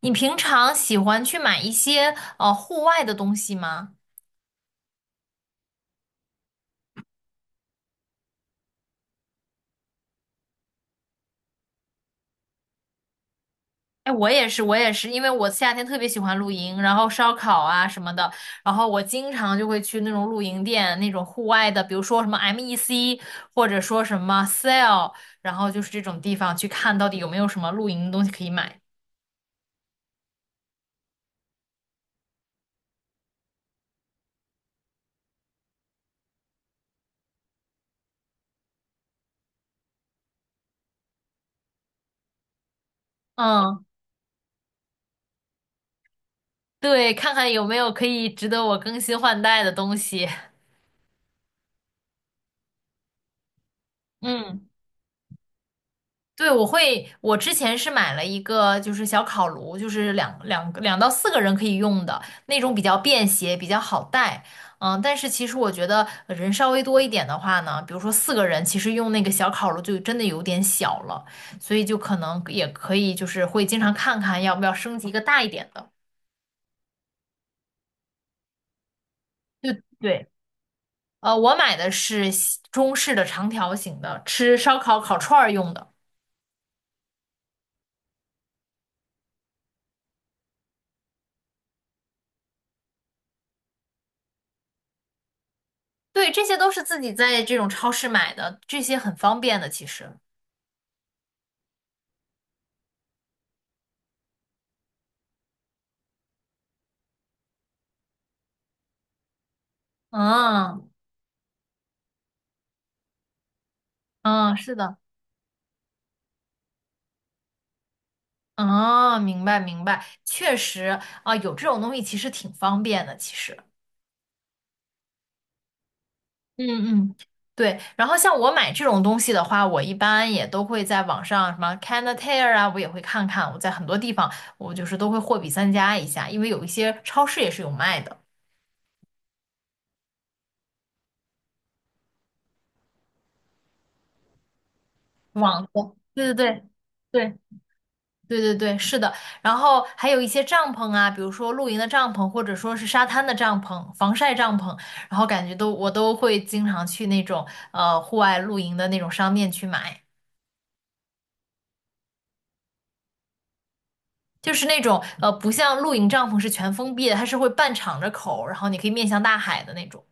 你平常喜欢去买一些户外的东西吗？哎，我也是，我也是，因为我夏天特别喜欢露营，然后烧烤啊什么的，然后我经常就会去那种露营店，那种户外的，比如说什么 MEC，或者说什么 Sale，然后就是这种地方去看到底有没有什么露营的东西可以买。嗯，对，看看有没有可以值得我更新换代的东西。嗯。对，我会，我之前是买了一个，就是小烤炉，就是2到4个人可以用的那种，比较便携，比较好带。嗯，但是其实我觉得人稍微多一点的话呢，比如说四个人，其实用那个小烤炉就真的有点小了，所以就可能也可以，就是会经常看看要不要升级一个大一点的。对，我买的是西中式的长条形的，吃烧烤烤串儿用的。对，这些都是自己在这种超市买的，这些很方便的，其实。嗯嗯，是的，嗯，明白明白，确实啊，有这种东西其实挺方便的，其实，嗯嗯，对。然后像我买这种东西的话，我一般也都会在网上什么 Canatair 啊，我也会看看，我在很多地方我就是都会货比三家一下，因为有一些超市也是有卖的，网购，对对对。对对对对，是的。然后还有一些帐篷啊，比如说露营的帐篷，或者说是沙滩的帐篷、防晒帐篷，然后感觉我都会经常去那种户外露营的那种商店去买，就是那种不像露营帐篷是全封闭的，它是会半敞着口，然后你可以面向大海的那种。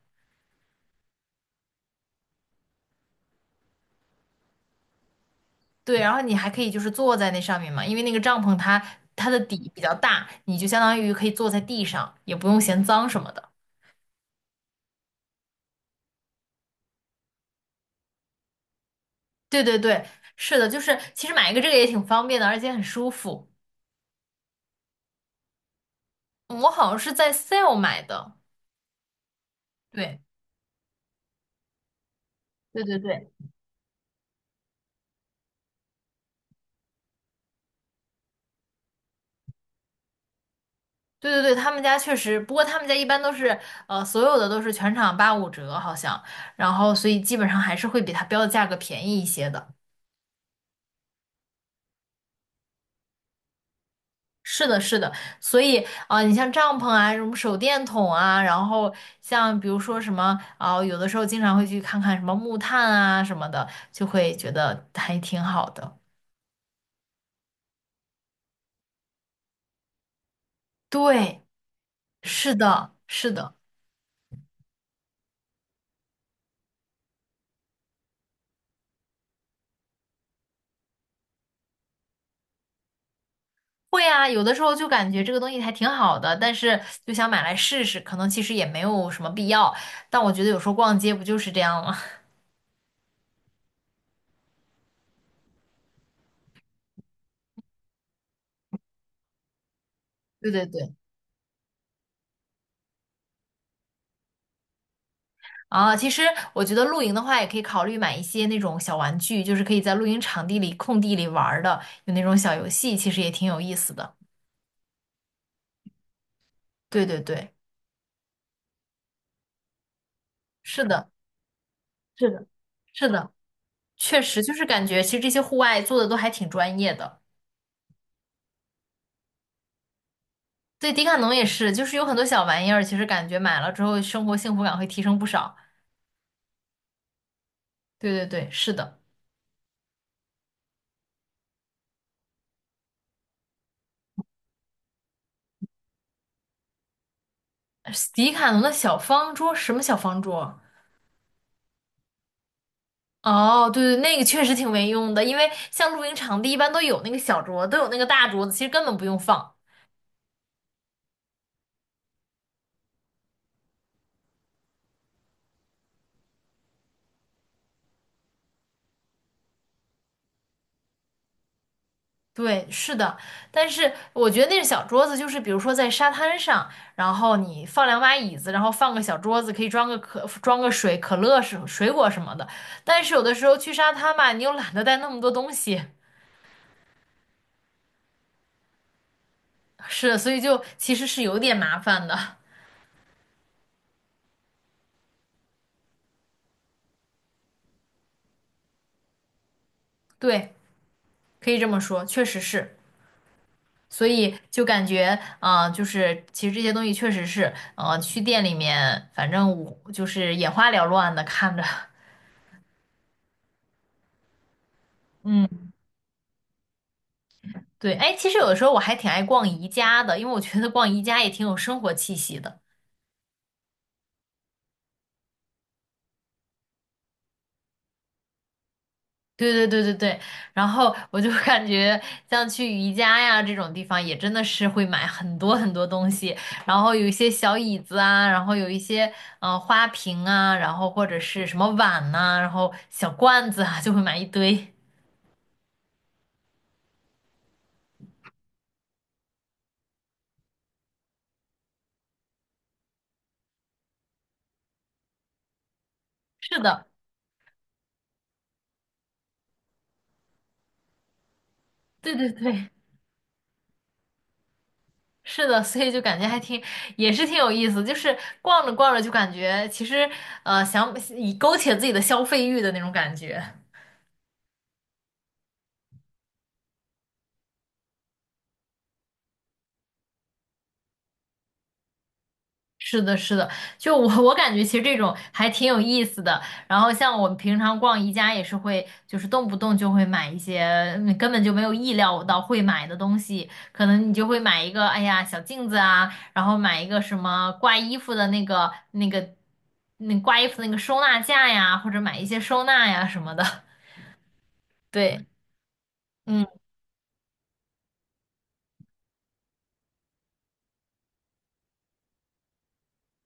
对，然后你还可以就是坐在那上面嘛，因为那个帐篷它的底比较大，你就相当于可以坐在地上，也不用嫌脏什么的。对对对，是的，就是其实买一个这个也挺方便的，而且很舒服。我好像是在 sale 买的，对，对对对，对对对，他们家确实，不过他们家一般都是，所有的都是全场八五折，好像，然后所以基本上还是会比它标的价格便宜一些的。是的，是的，所以啊、你像帐篷啊，什么手电筒啊，然后像比如说什么啊、有的时候经常会去看看什么木炭啊什么的，就会觉得还挺好的。对，是的，是的。会啊，有的时候就感觉这个东西还挺好的，但是就想买来试试，可能其实也没有什么必要。但我觉得有时候逛街不就是这样吗？对对对。啊，其实我觉得露营的话，也可以考虑买一些那种小玩具，就是可以在露营场地里、空地里玩儿的，有那种小游戏，其实也挺有意思的。对对对，是的，是的，是的，确实就是感觉，其实这些户外做的都还挺专业的。对，迪卡侬也是，就是有很多小玩意儿，其实感觉买了之后，生活幸福感会提升不少。对对对，是的，迪卡侬的小方桌，什么小方桌？哦，对对，那个确实挺没用的，因为像露营场地一般都有那个小桌，都有那个大桌子，其实根本不用放。对，是的，但是我觉得那个小桌子，就是比如说在沙滩上，然后你放2把椅子，然后放个小桌子，可以装个水、可乐水果什么的。但是有的时候去沙滩吧，你又懒得带那么多东西，是，所以就其实是有点麻烦的。对，可以这么说，确实是。所以就感觉，啊，就是其实这些东西确实是，去店里面，反正我就是眼花缭乱的看着，嗯，对，哎，其实有的时候我还挺爱逛宜家的，因为我觉得逛宜家也挺有生活气息的。对对对对对，然后我就感觉像去宜家呀这种地方，也真的是会买很多很多东西，然后有一些小椅子啊，然后有一些花瓶啊，然后或者是什么碗呐、然后小罐子啊，就会买一堆。是的，对对对，是的，所以就感觉还挺，也是挺有意思。就是逛着逛着就感觉，其实想以勾起了自己的消费欲的那种感觉。是的，是的，就我感觉其实这种还挺有意思的。然后像我们平常逛宜家也是会，就是动不动就会买一些根本就没有意料到会买的东西，可能你就会买一个，哎呀，小镜子啊，然后买一个什么挂衣服的那个那挂衣服那个收纳架呀，或者买一些收纳呀什么的。对，嗯。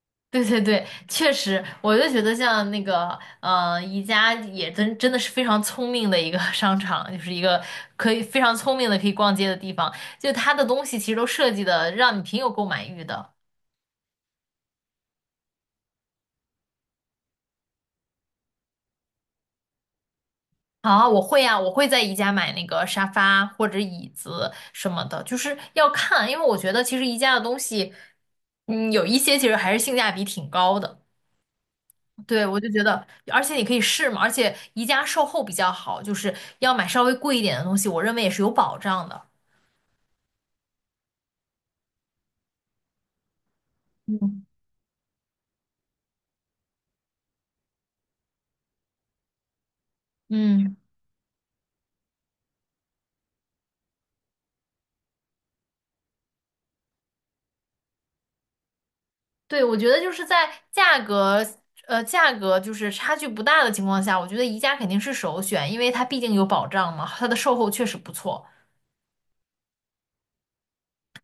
对对对，确实，我就觉得像那个，宜家也真的是非常聪明的一个 商场，就是一个可以非常聪明的可以逛街的地方。就它的东西其实都设计的让你挺有购买欲的。啊，我会啊，我会在宜家买那个沙发或者椅子什么的，就是要看，因为我觉得其实宜家的东西，嗯，有一些其实还是性价比挺高的。对，我就觉得，而且你可以试嘛，而且宜家售后比较好，就是要买稍微贵一点的东西，我认为也是有保障的。嗯，嗯，对，我觉得就是在价格，价格就是差距不大的情况下，我觉得宜家肯定是首选，因为它毕竟有保障嘛，它的售后确实不错，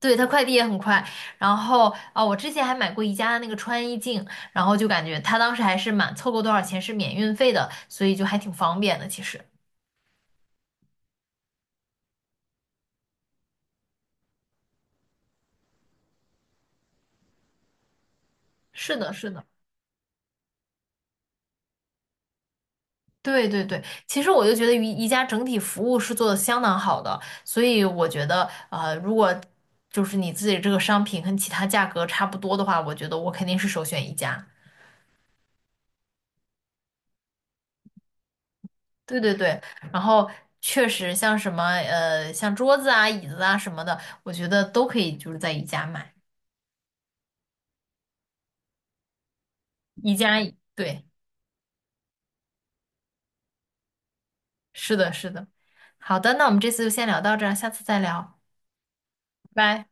对，它快递也很快。然后啊，我之前还买过宜家的那个穿衣镜，然后就感觉它当时还是满凑够多少钱是免运费的，所以就还挺方便的。其实是的，是的。对对对，其实我就觉得宜家整体服务是做的相当好的，所以我觉得，如果就是你自己这个商品跟其他价格差不多的话，我觉得我肯定是首选宜家。对对对，然后确实像什么，像桌子啊、椅子啊什么的，我觉得都可以就是在宜家买。宜家，对，是的，是的。好的，那我们这次就先聊到这儿，下次再聊，拜拜。